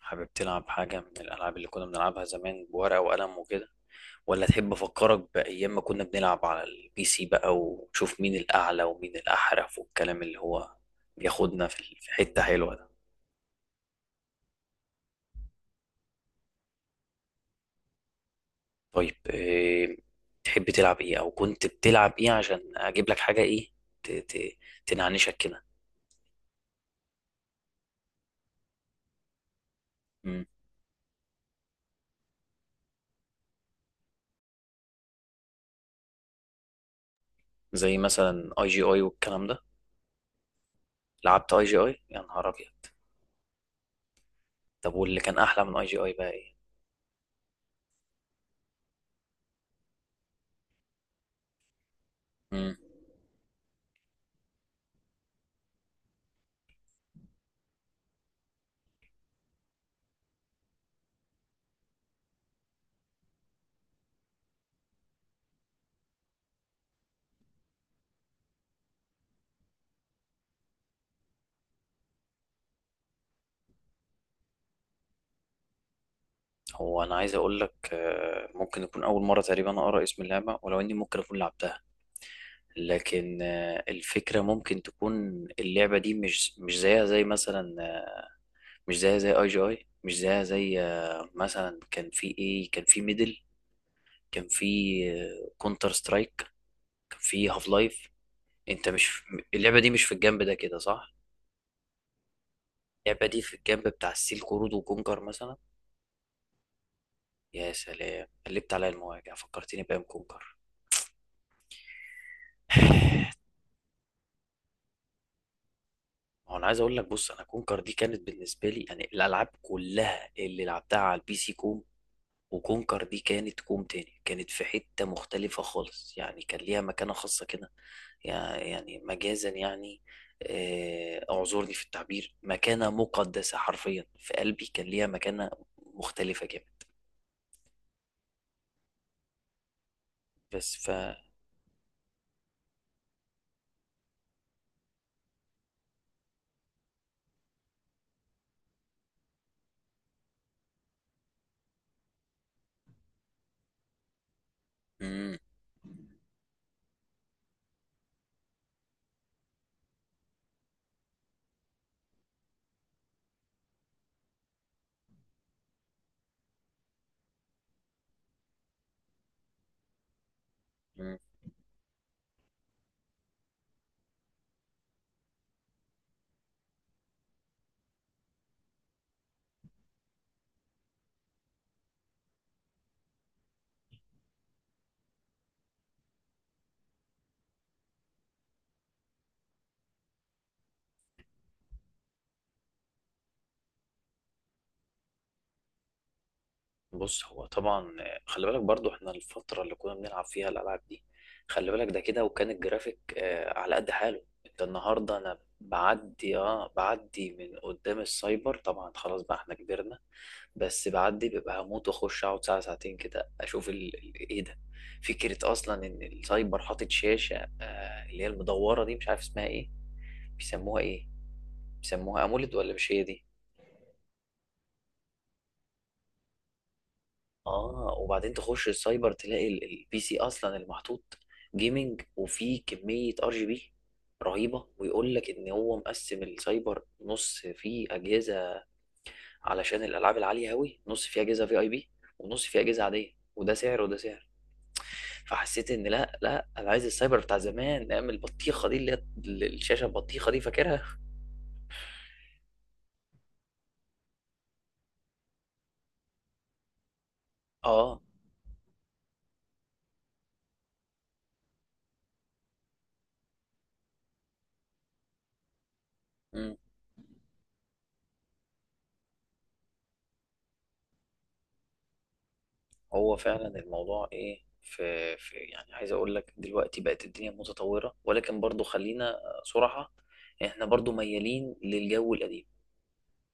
حابب تلعب حاجة من الألعاب اللي كنا بنلعبها زمان بورقة وقلم وكده، ولا تحب أفكرك بأيام ما كنا بنلعب على البي سي بقى ونشوف مين الأعلى ومين الأحرف والكلام اللي هو بياخدنا في حتة حلوة ده؟ طيب إيه تحب تلعب إيه أو كنت بتلعب إيه عشان أجيب لك حاجة إيه ت- ت- تنعنشك كده؟ مم. زي مثلا أي جي أي والكلام ده. لعبت أي جي أي يا نهار أبيض. طب واللي كان أحلى من أي جي أي بقى إيه؟ مم. هو انا عايز اقول لك ممكن يكون اول مره تقريبا اقرا اسم اللعبه ولو اني ممكن اكون لعبتها. لكن الفكره ممكن تكون اللعبه دي مش زيها زي مثلا مش زيها زي اي جي اي مش زيها زي مثلا كان في ايه، كان في ميدل، كان في كونتر سترايك، كان في هاف لايف. انت مش في- اللعبه دي مش في الجنب ده كده صح؟ اللعبه دي في الجنب بتاع السيل قرود وكونكر مثلا. يا سلام، قلبت عليا المواجع، فكرتني بايام كونكر. هو انا عايز اقول لك بص، انا كونكر دي كانت بالنسبه لي يعني الالعاب كلها اللي لعبتها على البي سي كوم، وكونكر دي كانت كوم تاني، كانت في حته مختلفه خالص، يعني كان ليها مكانه خاصه كده. يعني مجازا يعني، اعذرني في التعبير، مكانه مقدسه حرفيا في قلبي، كان ليها مكانه مختلفه جدا. بس. مم. مم. بص، هو طبعا خلي بالك برضو، احنا الفترة اللي كنا بنلعب فيها الألعاب دي، خلي بالك ده كده، وكان الجرافيك على قد حاله. انت النهاردة انا بعدي من قدام السايبر طبعا، خلاص بقى احنا كبرنا. بس بعدي ببقى هموت واخش اقعد ساعة ساعتين كده اشوف ايه ده، فكرة اصلا ان السايبر حاطط شاشة اللي هي المدورة دي، مش عارف اسمها ايه. بيسموها ايه؟ بيسموها امولد ولا مش هي دي؟ اه، وبعدين تخش السايبر تلاقي البي سي اصلا المحطوط جيمنج، وفيه كمية ار جي بي رهيبة، ويقول لك ان هو مقسم السايبر، نص فيه اجهزة علشان الالعاب العالية اوي، نص فيه اجهزة في اي بي، ونص فيه اجهزة عادية، وده سعر وده سعر. فحسيت ان لا، لا، انا عايز السايبر بتاع زمان، ايام البطيخة دي، اللي هي الشاشة البطيخة دي، فاكرها؟ اه. هو فعلا الموضوع ايه، في يعني، عايز اقول لك دلوقتي بقت الدنيا متطورة، ولكن برضو خلينا صراحة، احنا برضو ميالين للجو القديم،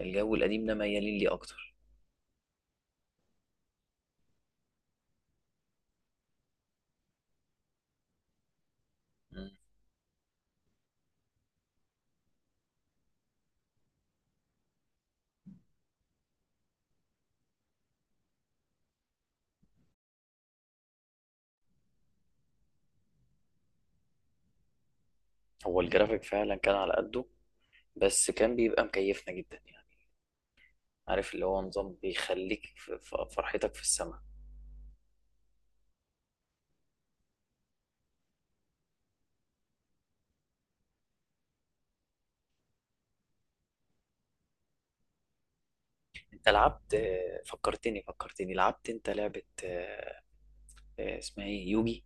الجو القديم ده ميالين ليه اكتر. مم. هو الجرافيك فعلا كان على قده، بس كان بيبقى مكيفنا جدا يعني، عارف اللي هو نظام بيخليك في فرحتك في السماء. انت لعبت فكرتني لعبت انت لعبة اسمها ايه يوجي.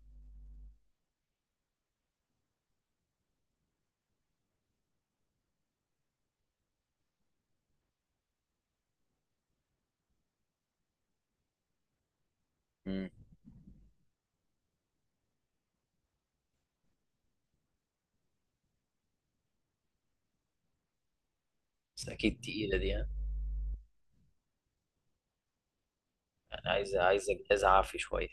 مم. بس اكيد تقيلة دي، ها؟ يعني عايزة جهاز عافي شوية.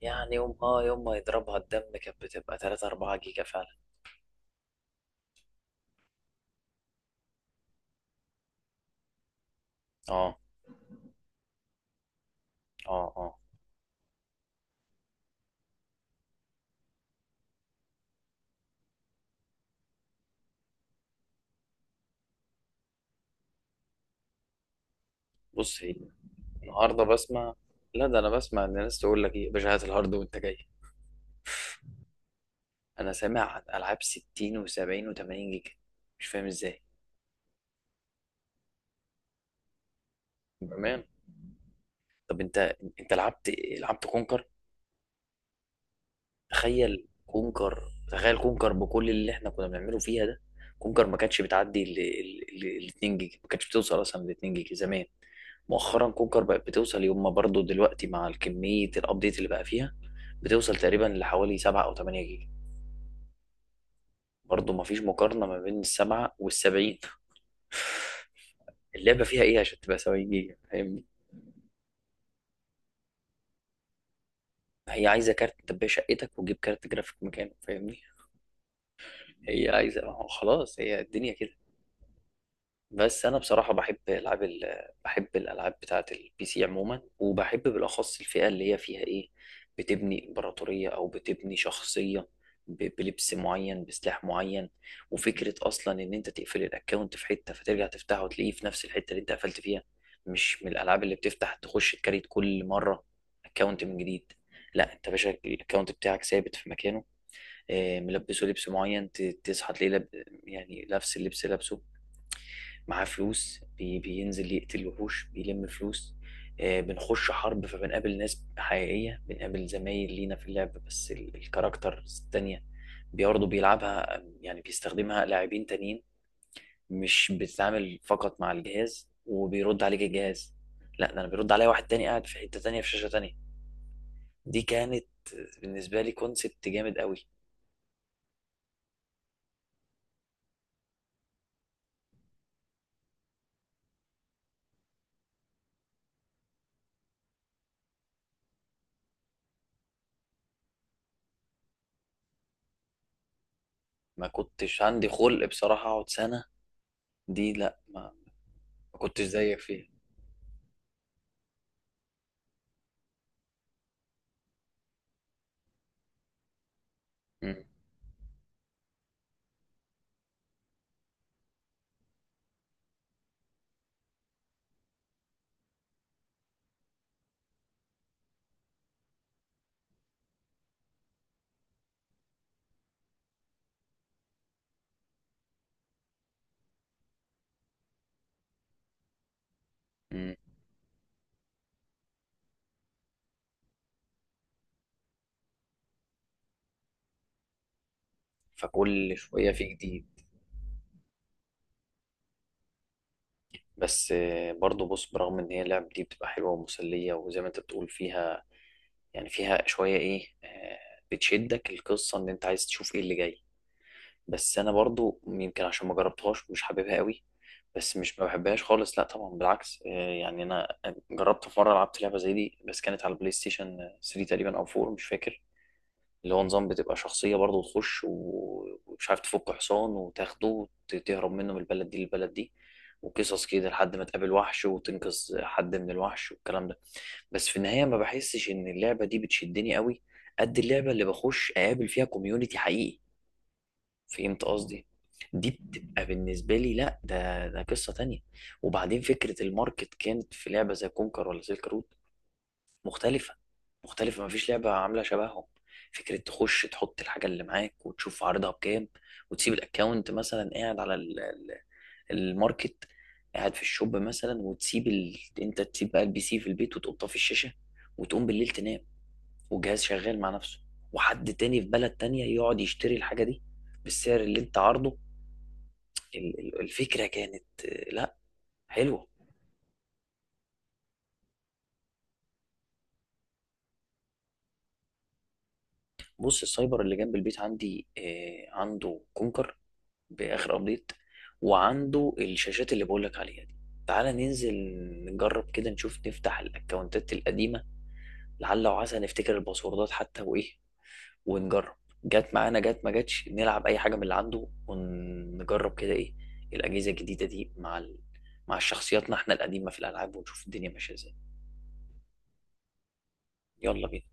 يعني يوم ما يضربها الدم كانت بتبقى 3 4 جيجا فعلا. اه، اه، اه. بص هي النهارده بسمع، لا ده انا بسمع ان الناس تقول لك ايه يا باشا، هات الهارد وانت جاي. انا سامع عن العاب 60 و70 و80 جيجا، مش فاهم ازاي. بامان. طب انت لعبت إيه؟ لعبت كونكر؟ تخيل كونكر، تخيل كونكر بكل اللي احنا كنا بنعمله فيها ده. كونكر ما كانتش بتعدي 2 جيجا، ما كانتش بتوصل اصلا ل 2 جيجا زمان. مؤخرا كونكر بقت بتوصل يوم ما برضه دلوقتي مع الكمية الابديت اللي بقى فيها، بتوصل تقريبا لحوالي 7 او 8 جيجا. برضه ما فيش مقارنة ما بين السبعة والسبعين. اللعبة فيها ايه عشان تبقى 70 جيجا، فاهمني؟ هي عايزة كارت تبقى شقتك وتجيب كارت جرافيك مكانه، فاهمني؟ هي عايزة، ما هو خلاص هي الدنيا كده. بس انا بصراحه بحب العاب بحب الالعاب بتاعه البي سي عموما، وبحب بالاخص الفئه اللي هي فيها ايه، بتبني امبراطوريه او بتبني شخصيه، بلبس معين بسلاح معين. وفكره اصلا ان انت تقفل الاكونت في حته فترجع تفتحه وتلاقيه في نفس الحته اللي انت قفلت فيها. مش من الالعاب اللي بتفتح تخش تكريت كل مره اكونت من جديد. لا، انت يا باشا الاكونت بتاعك ثابت في مكانه، ملبسه لبس معين، تصحى تلاقيه يعني نفس اللبس لابسه، معاه فلوس، بينزل يقتل وحوش بيلم فلوس. بنخش حرب فبنقابل ناس حقيقية، بنقابل زمايل لينا في اللعب، بس الكاركتر التانية برضه بيلعبها يعني بيستخدمها لاعبين تانيين، مش بتتعامل فقط مع الجهاز وبيرد عليك الجهاز. لا، ده انا بيرد عليا واحد تاني قاعد في حتة تانية في شاشة تانية. دي كانت بالنسبة لي كونسبت جامد قوي. ما كنتش عندي خلق بصراحة اقعد سنة. دي لا ما ما كنتش زيك فيها. مم. فكل شوية في جديد. بس برضو بص، برغم ان هي اللعب دي بتبقى حلوة ومسلية وزي ما انت بتقول فيها، يعني فيها شوية ايه بتشدك القصة ان انت عايز تشوف ايه اللي جاي. بس انا برضو يمكن عشان ما جربتهاش مش حاببها قوي. بس مش ما بحبهاش خالص، لا طبعا بالعكس، يعني انا جربت في مرة لعبت لعبة زي دي بس كانت على البلاي ستيشن 3 تقريبا او 4، مش فاكر. اللي هو نظام بتبقى شخصية برضه تخش ومش عارف تفك حصان وتاخده وتهرب منه من البلد دي للبلد دي، وقصص كده لحد ما تقابل وحش وتنقذ حد من الوحش والكلام ده. بس في النهاية ما بحسش إن اللعبة دي بتشدني قوي قد اللعبة اللي بخش أقابل فيها كوميونيتي حقيقي. فهمت قصدي؟ دي بتبقى بالنسبة لي لا، ده قصة تانية. وبعدين فكرة الماركت كانت في لعبة زي كونكر ولا سيلك رود مختلفة. مختلفة مفيش لعبة عاملة شبههم. فكرة تخش تحط الحاجة اللي معاك وتشوف عرضها بكام، وتسيب الاكونت مثلا قاعد على الماركت، قاعد في الشوب مثلا، وتسيب انت تسيب بقى البي سي في البيت، وتقوم طافي الشاشة، وتقوم بالليل تنام والجهاز شغال مع نفسه، وحد تاني في بلد تانية يقعد يشتري الحاجة دي بالسعر اللي انت عارضه. الفكرة كانت لا، حلوة. بص السايبر اللي جنب البيت عندي عنده كونكر باخر ابديت، وعنده الشاشات اللي بقولك عليها دي، تعالى ننزل نجرب كده، نشوف نفتح الاكونتات القديمة، لعل وعسى نفتكر الباسوردات حتى وايه، ونجرب. جت معانا جت ما جاتش نلعب اي حاجة من اللي عنده، ونجرب كده ايه الاجهزة الجديدة دي مع مع شخصياتنا احنا القديمة في الالعاب، ونشوف الدنيا ماشية ازاي. يلا بينا.